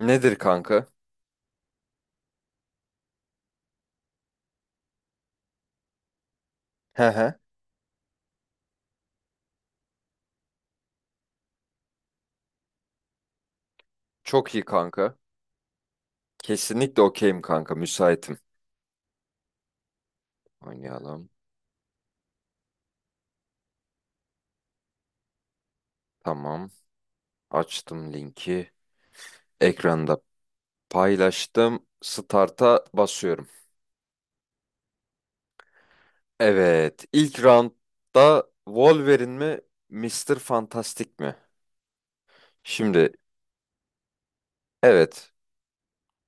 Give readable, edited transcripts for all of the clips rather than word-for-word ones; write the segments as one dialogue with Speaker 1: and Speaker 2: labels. Speaker 1: Nedir kanka? He he. Çok iyi kanka. Kesinlikle okeyim kanka. Müsaitim. Oynayalım. Tamam. Açtım linki. Ekranda paylaştım. Start'a basıyorum. Evet. İlk roundda Wolverine mi? Mister Fantastic mi? Şimdi evet.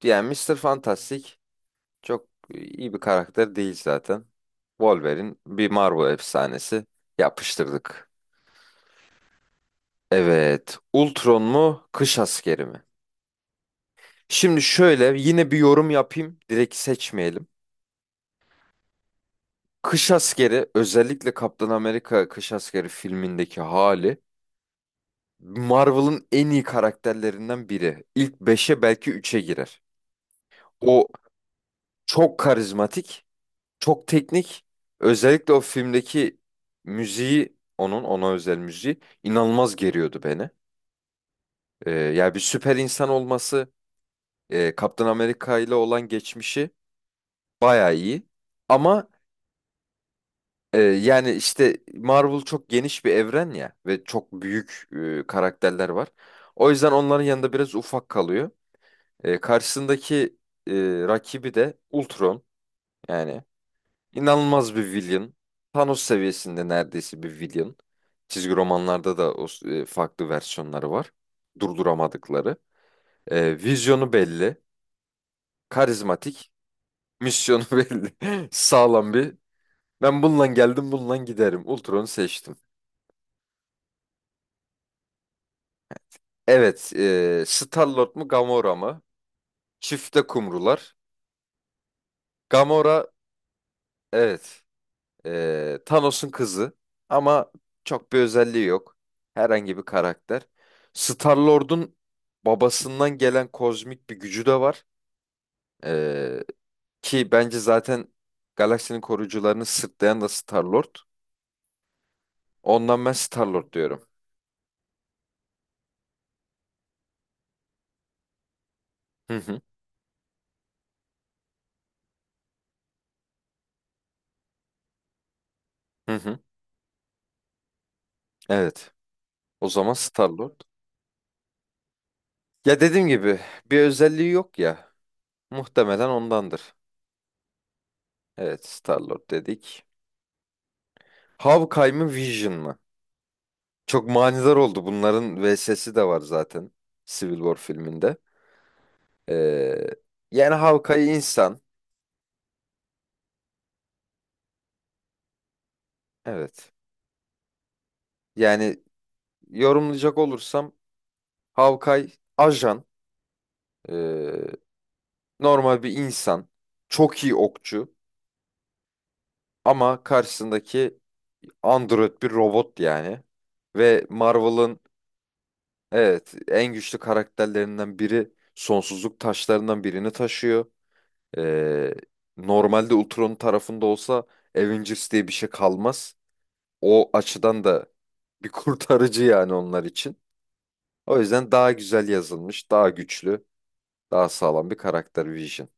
Speaker 1: Yani Mister Fantastic çok iyi bir karakter değil zaten. Wolverine bir Marvel efsanesi. Yapıştırdık. Evet. Ultron mu? Kış askeri mi? Şimdi şöyle yine bir yorum yapayım. Direkt seçmeyelim. Kış Askeri, özellikle Kaptan Amerika Kış Askeri filmindeki hali, Marvel'ın en iyi karakterlerinden biri. İlk beşe belki üçe girer. O çok karizmatik, çok teknik. Özellikle o filmdeki müziği, onun ona özel müziği inanılmaz geriyordu beni. Yani bir süper insan olması, Kaptan Amerika ile olan geçmişi bayağı iyi. Ama yani işte Marvel çok geniş bir evren ya, ve çok büyük karakterler var. O yüzden onların yanında biraz ufak kalıyor. Karşısındaki e, rakibi de Ultron, yani inanılmaz bir villain. Thanos seviyesinde neredeyse bir villain. Çizgi romanlarda da o, farklı versiyonları var. Durduramadıkları. Vizyonu belli. Karizmatik. Misyonu belli. Sağlam bir. Ben bununla geldim, bununla giderim. Ultron'u seçtim. Evet, Star-Lord mu Gamora mı? Çifte kumrular. Gamora, evet, Thanos'un kızı ama çok bir özelliği yok. Herhangi bir karakter. Star-Lord'un babasından gelen kozmik bir gücü de var. E, ki bence zaten galaksinin koruyucularını sırtlayan da Star-Lord. Ondan ben Star-Lord diyorum. Hı hı, hı hı. Evet, o zaman Star-Lord. Ya dediğim gibi, bir özelliği yok ya. Muhtemelen ondandır. Evet, Star-Lord dedik. Hawkeye mı Vision mı? Çok manidar oldu. Bunların VS'si de var zaten. Civil War filminde. Ee, yani Hawkeye insan. Evet. Yani yorumlayacak olursam, Hawkeye ajan. ee, normal bir insan. Çok iyi okçu. Ama karşısındaki android bir robot yani. Ve Marvel'ın, evet, en güçlü karakterlerinden biri, sonsuzluk taşlarından birini taşıyor. Ee, normalde Ultron'un tarafında olsa Avengers diye bir şey kalmaz. O açıdan da bir kurtarıcı yani onlar için. O yüzden daha güzel yazılmış, daha güçlü, daha sağlam bir karakter Vision.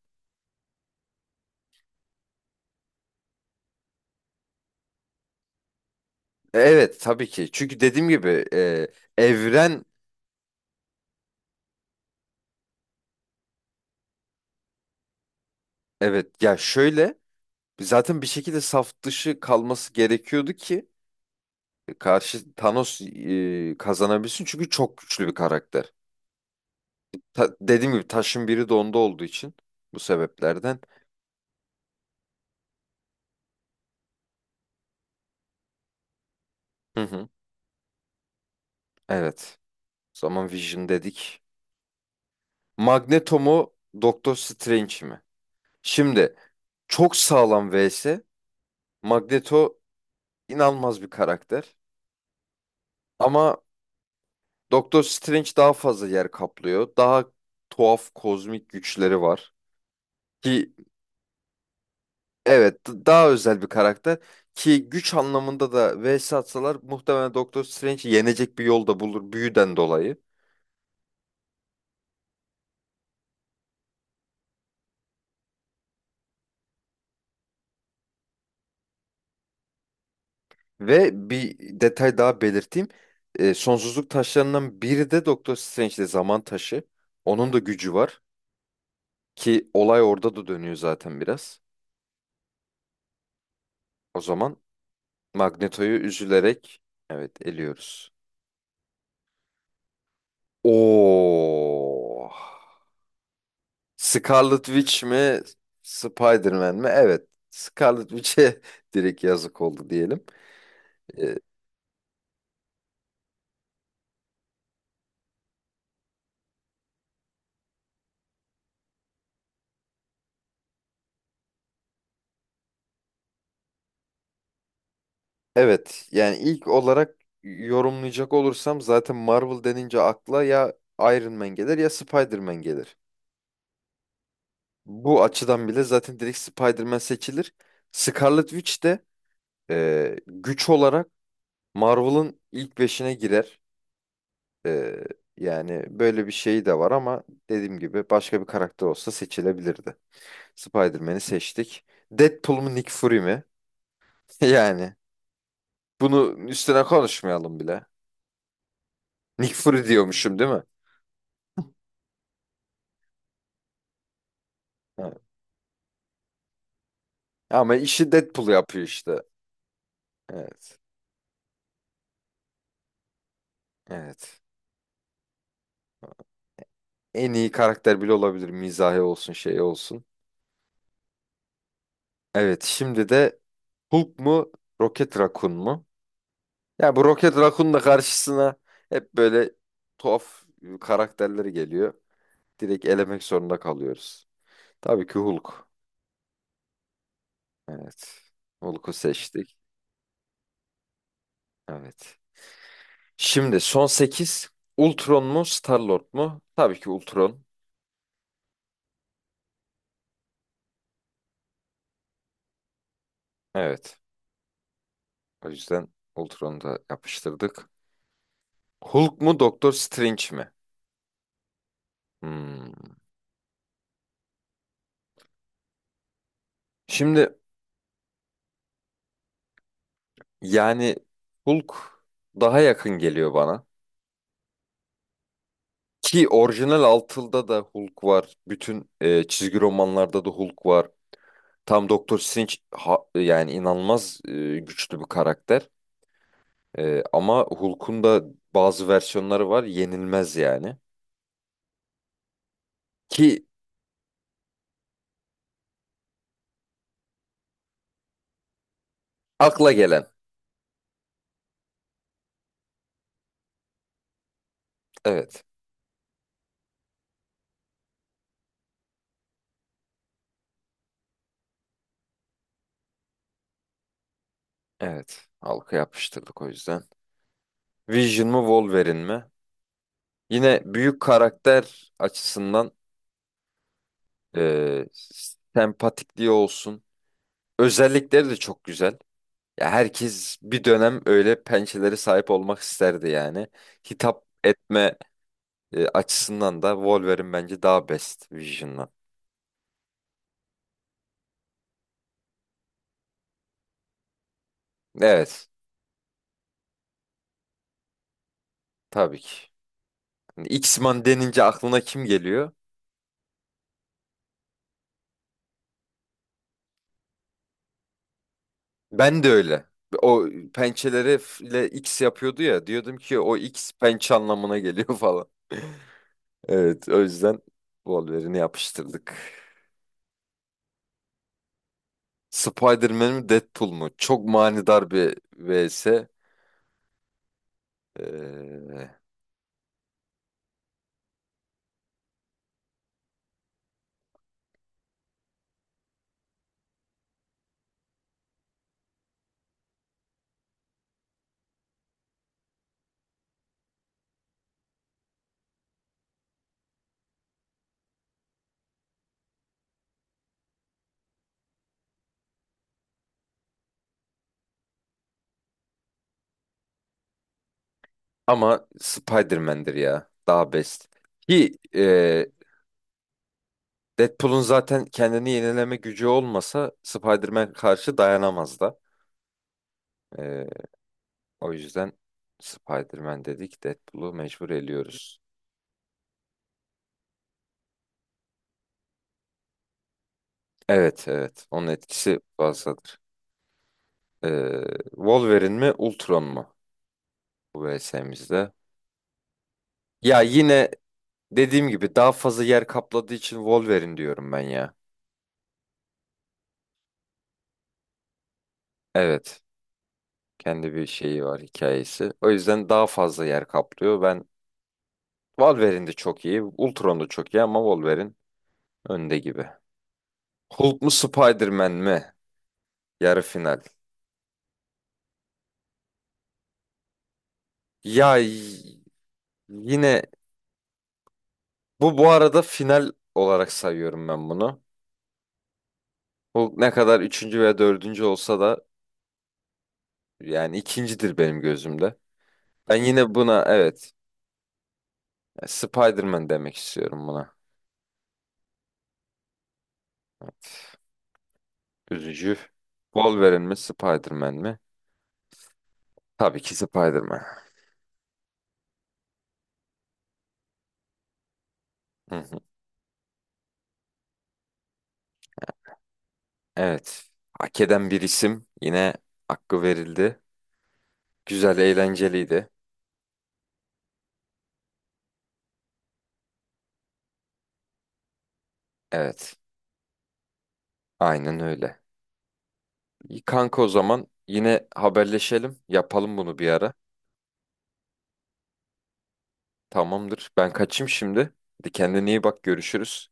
Speaker 1: Evet tabii ki. Çünkü dediğim gibi, evren, evet, ya şöyle, zaten bir şekilde saf dışı kalması gerekiyordu ki karşı Thanos kazanabilsin. Çünkü çok güçlü bir karakter. Dediğim gibi taşın biri de onda olduğu için, bu sebeplerden. Hı hı. Evet. O zaman Vision dedik. Magneto mu Doktor Strange mi? Şimdi çok sağlam vs. Magneto inanılmaz bir karakter. Ama Doktor Strange daha fazla yer kaplıyor. Daha tuhaf kozmik güçleri var. Ki, evet, daha özel bir karakter. Ki güç anlamında da vs atsalar, muhtemelen Doktor Strange yenecek bir yol da bulur büyüden dolayı. Ve bir detay daha belirteyim. Sonsuzluk taşlarından biri de Doktor Strange'de, zaman taşı. Onun da gücü var, ki olay orada da dönüyor zaten biraz. O zaman Magneto'yu üzülerek, evet, eliyoruz. Oo. Scarlet Witch mi, Spider-Man mi? Evet. Scarlet Witch'e direkt yazık oldu diyelim. Ee, Evet, yani ilk olarak yorumlayacak olursam, zaten Marvel denince akla ya Iron Man gelir ya Spider-Man gelir. Bu açıdan bile zaten direkt Spider-Man seçilir. Scarlet Witch de güç olarak Marvel'ın ilk beşine girer. E, yani böyle bir şey de var, ama dediğim gibi başka bir karakter olsa seçilebilirdi. Spider-Man'i seçtik. Deadpool mu Nick Fury mi? Yani bunu üstüne konuşmayalım bile. Nick Fury diyormuşum değil mi? Ama işi Deadpool yapıyor işte. Evet. Evet. En iyi karakter bile olabilir. Mizahi olsun, şey olsun. Evet, şimdi de Hulk mu, Rocket Raccoon mu? Ya bu Rocket Raccoon da karşısına hep böyle tuhaf karakterleri geliyor. Direkt elemek zorunda kalıyoruz. Tabii ki Hulk. Evet. Hulk'u seçtik. Evet. Şimdi son sekiz: Ultron mu, Star-Lord mu? Tabii ki Ultron. Evet. O yüzden Ultron'u da yapıştırdık. Hulk mu Doktor Strange mi? Hmm. Şimdi, yani Hulk daha yakın geliyor bana. Ki orijinal Altıl'da da Hulk var. Bütün çizgi romanlarda da Hulk var. Tam Doktor Strange yani inanılmaz, güçlü bir karakter. Ama Hulk'un da bazı versiyonları var. Yenilmez yani. Ki akla gelen. Evet. Evet. Halka yapıştırdık o yüzden. Vision mu Wolverine mi? Yine büyük karakter açısından, Ee, sempatikliği olsun. Özellikleri de çok güzel. Ya, herkes bir dönem öyle pençelere sahip olmak isterdi yani. Hitap etme açısından da Wolverine bence daha best Vision'dan. Evet, tabii ki. Yani X-Man denince aklına kim geliyor? Ben de öyle. O pençeleri ile X yapıyordu ya. Diyordum ki o X pençe anlamına geliyor falan. Evet, o yüzden Wolverine'i yapıştırdık. Spider-Man mi Deadpool mu? Çok manidar bir vs. Ee, ama Spider-Man'dir ya. Daha best. Ki Deadpool'un zaten kendini yenileme gücü olmasa Spider-Man karşı dayanamaz da. Ee, o yüzden Spider-Man dedik. Deadpool'u mecbur eliyoruz. Evet, evet. Onun etkisi fazladır. Ee, Wolverine mi Ultron mu? Bu vs'mizde. Ya yine dediğim gibi, daha fazla yer kapladığı için Wolverine diyorum ben ya. Evet. Kendi bir şeyi var, hikayesi. O yüzden daha fazla yer kaplıyor. Ben, Wolverine de çok iyi, Ultron da çok iyi, ama Wolverine önde gibi. Hulk mu Spider-Man mi? Yarı final. Ya yine, bu arada final olarak sayıyorum ben bunu. Hulk ne kadar üçüncü veya dördüncü olsa da, yani ikincidir benim gözümde. Ben yine buna, evet, Spider-Man demek istiyorum buna. Üzücü. Wolverine mi Spider-Man mi? Tabii ki Spider-Man. Hı hı. Evet. Hak eden bir isim. Yine hakkı verildi. Güzel, eğlenceliydi. Evet. Aynen öyle. İyi kanka, o zaman yine haberleşelim. Yapalım bunu bir ara. Tamamdır. Ben kaçayım şimdi. Hadi, kendine iyi bak. Görüşürüz.